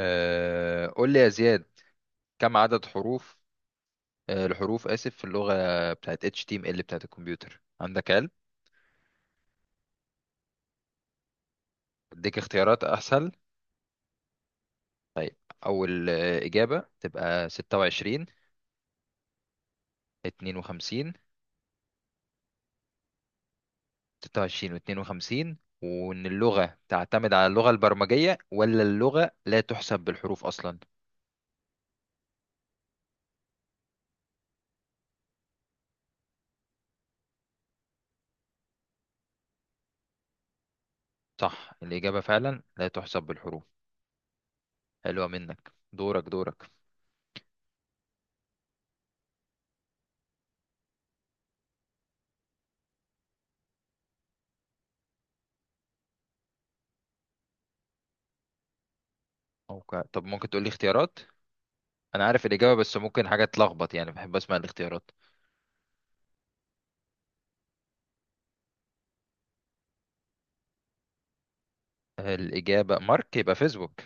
قول لي يا زياد، كم عدد حروف الحروف، آسف، في اللغة بتاعت HTML بتاعت الكمبيوتر، عندك علم؟ اديك اختيارات أسهل؟ طيب. أول إجابة تبقى 26، 52، 26 و52، وإن اللغة تعتمد على اللغة البرمجية، ولا اللغة لا تحسب بالحروف أصلا؟ صح، الإجابة فعلا لا تحسب بالحروف. حلوة منك. دورك، دورك. أوكي. طب ممكن تقول لي اختيارات؟ أنا عارف الإجابة بس ممكن حاجة تلخبط، يعني بحب أسمع الاختيارات. الإجابة مارك، يبقى فيسبوك.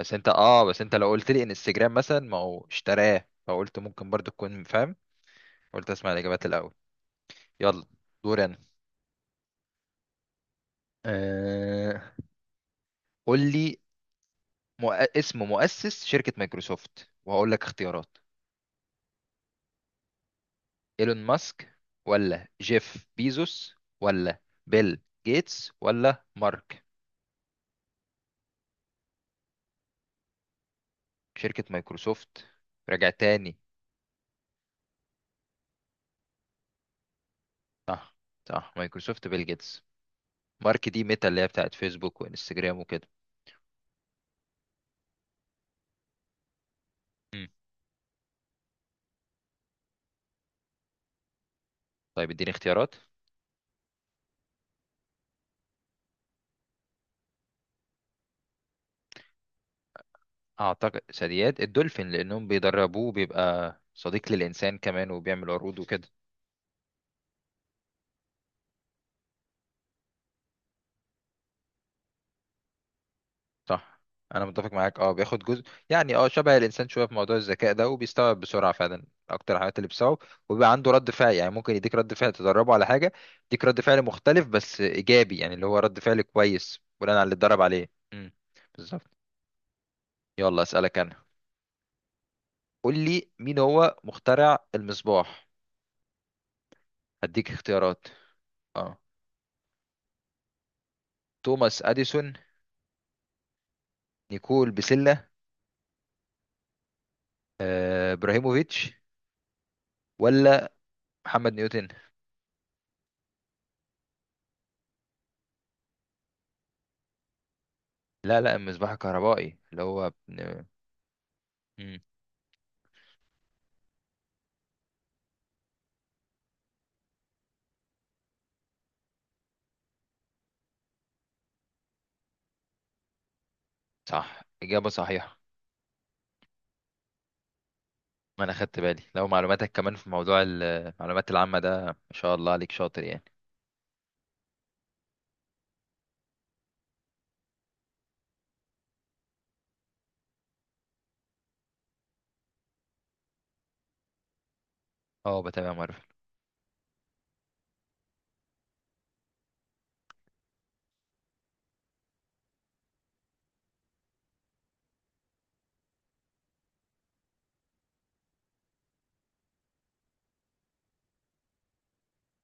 بس انت بس انت لو قلت لي انستجرام مثلا، ما هو اشتراه، فقلت ممكن برضو تكون فاهم. قلت اسمع الإجابات الأول. يلا. دور انا. آه... قول لي. مؤ... اسم مؤسس شركة مايكروسوفت، وهقول لك اختيارات. ايلون ماسك، ولا جيف بيزوس، ولا بيل جيتس، ولا مارك؟ شركة مايكروسوفت، راجع تاني. صح، صح، مايكروسوفت بيل جيتس. مارك دي ميتا اللي هي بتاعت فيسبوك وانستجرام وكده. طيب اديني اختيارات. اعتقد ثدييات الدولفين، لانهم بيدربوه، بيبقى صديق للانسان كمان وبيعمل عروض وكده. صح، انا متفق معاك. اه بياخد جزء يعني، شبه الانسان شويه في موضوع الذكاء ده، وبيستوعب بسرعه فعلا اكتر الحاجات اللي بتستوعب. وبيبقى عنده رد فعل، يعني ممكن يديك رد فعل تدربه على حاجه، يديك رد فعل مختلف بس ايجابي، يعني اللي هو رد فعل كويس بناء على اللي اتدرب عليه بالظبط. يلا اسالك انا. قول لي، مين هو مخترع المصباح؟ هديك اختيارات. اه توماس اديسون، نيكول بسلة، ابراهيموفيتش، ولا محمد نيوتن؟ لا، لا، المصباح الكهربائي اللي هو مم. صح، إجابة صحيحة. ما انا خدت بالي، لو معلوماتك كمان في موضوع المعلومات العامة ده، ما شاء الله عليك، شاطر يعني. اه، بتابع مارفل.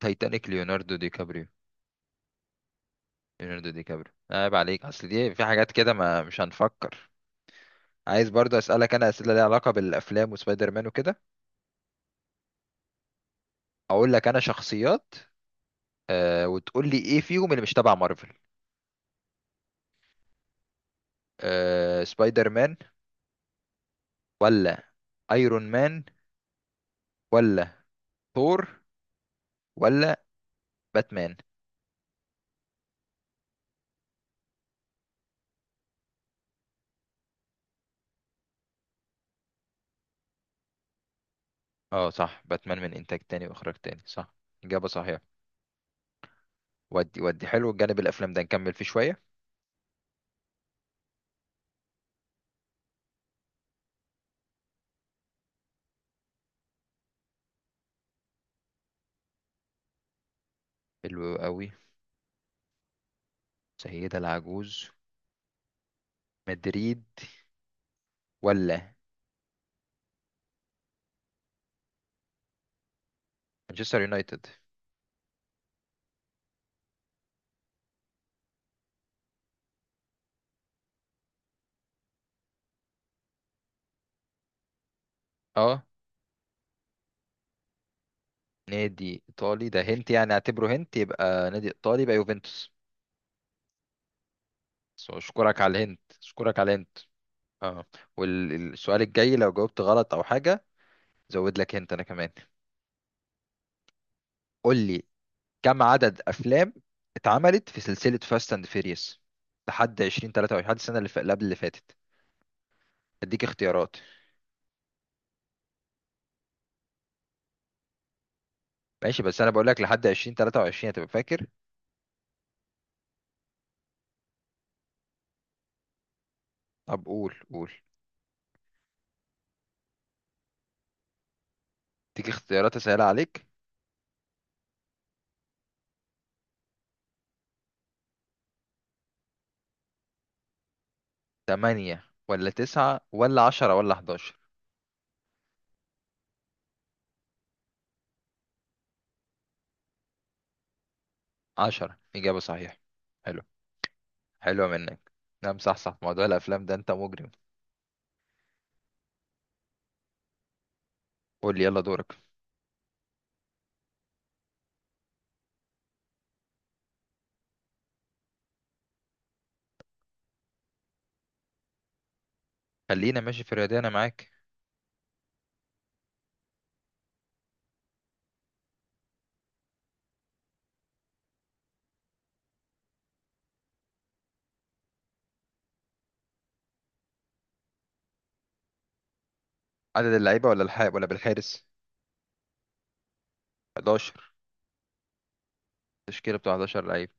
تايتانيك، ليوناردو دي كابريو. ليوناردو دي كابريو، عيب عليك، اصل دي في حاجات كده ما مش هنفكر. عايز برضو اسالك انا اسئله ليها علاقه بالافلام وسبايدر مان وكده. اقول لك انا شخصيات، وتقول لي ايه فيهم اللي مش تبع مارفل. سبايدر مان، ولا ايرون مان، ولا ثور، ولا باتمان؟ اه، صح، باتمان من انتاج تاني واخراج تاني، صح. اجابه صحيحه. ودي حلو، جانب الافلام ده نكمل فيه شويه. حلو قوي. سيده العجوز. مدريد، ولا مانشستر يونايتد؟ اه، نادي ايطالي، ده هنت يعني، اعتبره هنت، يبقى نادي ايطالي، يبقى يوفنتوس. بس اشكرك على الهنت، اشكرك على الهنت. اه. والسؤال الجاي لو جاوبت غلط او حاجه، زود لك هنت انا كمان. قول لي، كم عدد افلام اتعملت في سلسله فاست اند فيريوس لحد 2023، لحد السنه اللي اللي قبل اللي فاتت؟ اديك اختيارات. ماشي بس انا بقول لك لحد 2023 هتبقى فاكر. طب قول، قول. اديك اختيارات اسهل عليك. 8 ولا 9 ولا 10 ولا 11؟ 10، اجابه صحيحه. حلو. حلوه منك. نعم، صح، صح، موضوع الافلام ده انت مجرم. قول لي، يلا دورك. خلينا ماشي في الرياضه، انا معاك. عدد اللعيبه ولا الحارس ولا بالحارس؟ 11. التشكيله بتاع 11 لعيب.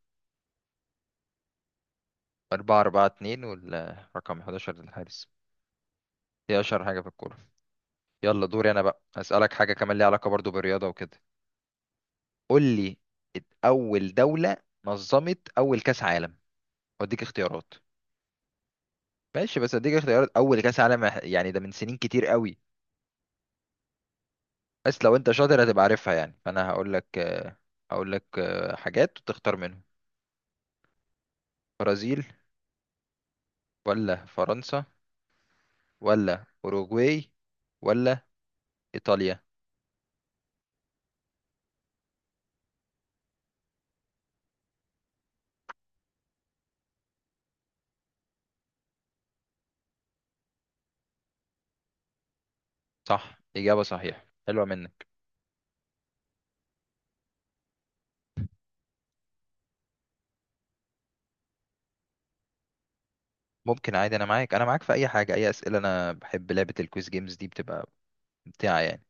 أربعة أربعة اتنين، والرقم 11 للحارس. دي أشهر حاجة في الكورة. يلا دوري، أنا بقى هسألك حاجة كمان ليها علاقة برضو بالرياضة وكده. قول لي، أول دولة نظمت أول كأس عالم، وأديك اختيارات. ماشي بس أديك اختيارات. أول كأس عالم يعني ده من سنين كتير قوي. بس لو أنت شاطر هتبقى عارفها يعني، فأنا هقول لك حاجات وتختار منهم. برازيل، ولا فرنسا، ولا أوروجواي، ولا إيطاليا؟ صح، إجابة صحيحة، حلوة منك. ممكن عادي، انا معاك، انا معاك في اي حاجه. اي اسئله، انا بحب لعبه الكويز جيمز دي، بتبقى ممتعه يعني.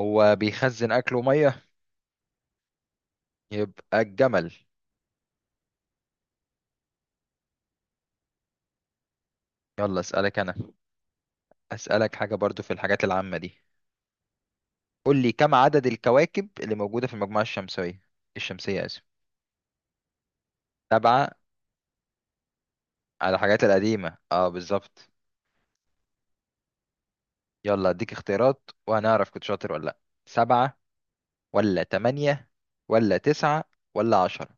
هو بيخزن اكل وميه، يبقى الجمل. يلا اسالك انا، اسالك حاجه برضو في الحاجات العامه دي. قول لي، كم عدد الكواكب اللي موجوده في المجموعه الشمسيه، الشمسيه، اسف. سبعه؟ على الحاجات القديمه، اه، بالظبط. يلا اديك اختيارات وهنعرف كنت شاطر ولا لا. سبعه، ولا تمانية، ولا تسعة، ولا عشرة؟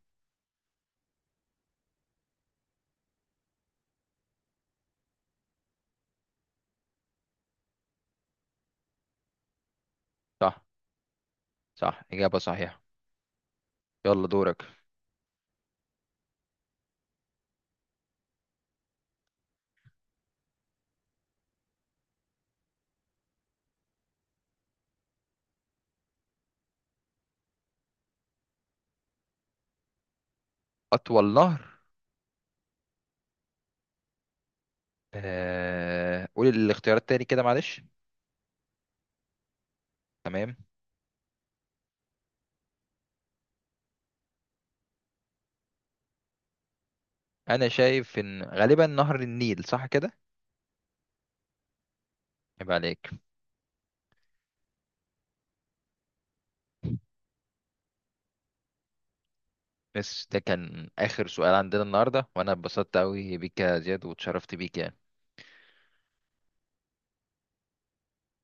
صح، صح، إجابة صحيحة. يلا دورك. أطول نهر. قول الاختيارات تاني كده، معلش. تمام. انا شايف ان غالبا نهر النيل، صح كده؟ يبقى عليك. بس ده كان اخر سؤال عندنا النهارده، وانا اتبسطت قوي بيك يا زياد، واتشرفت بيك يعني.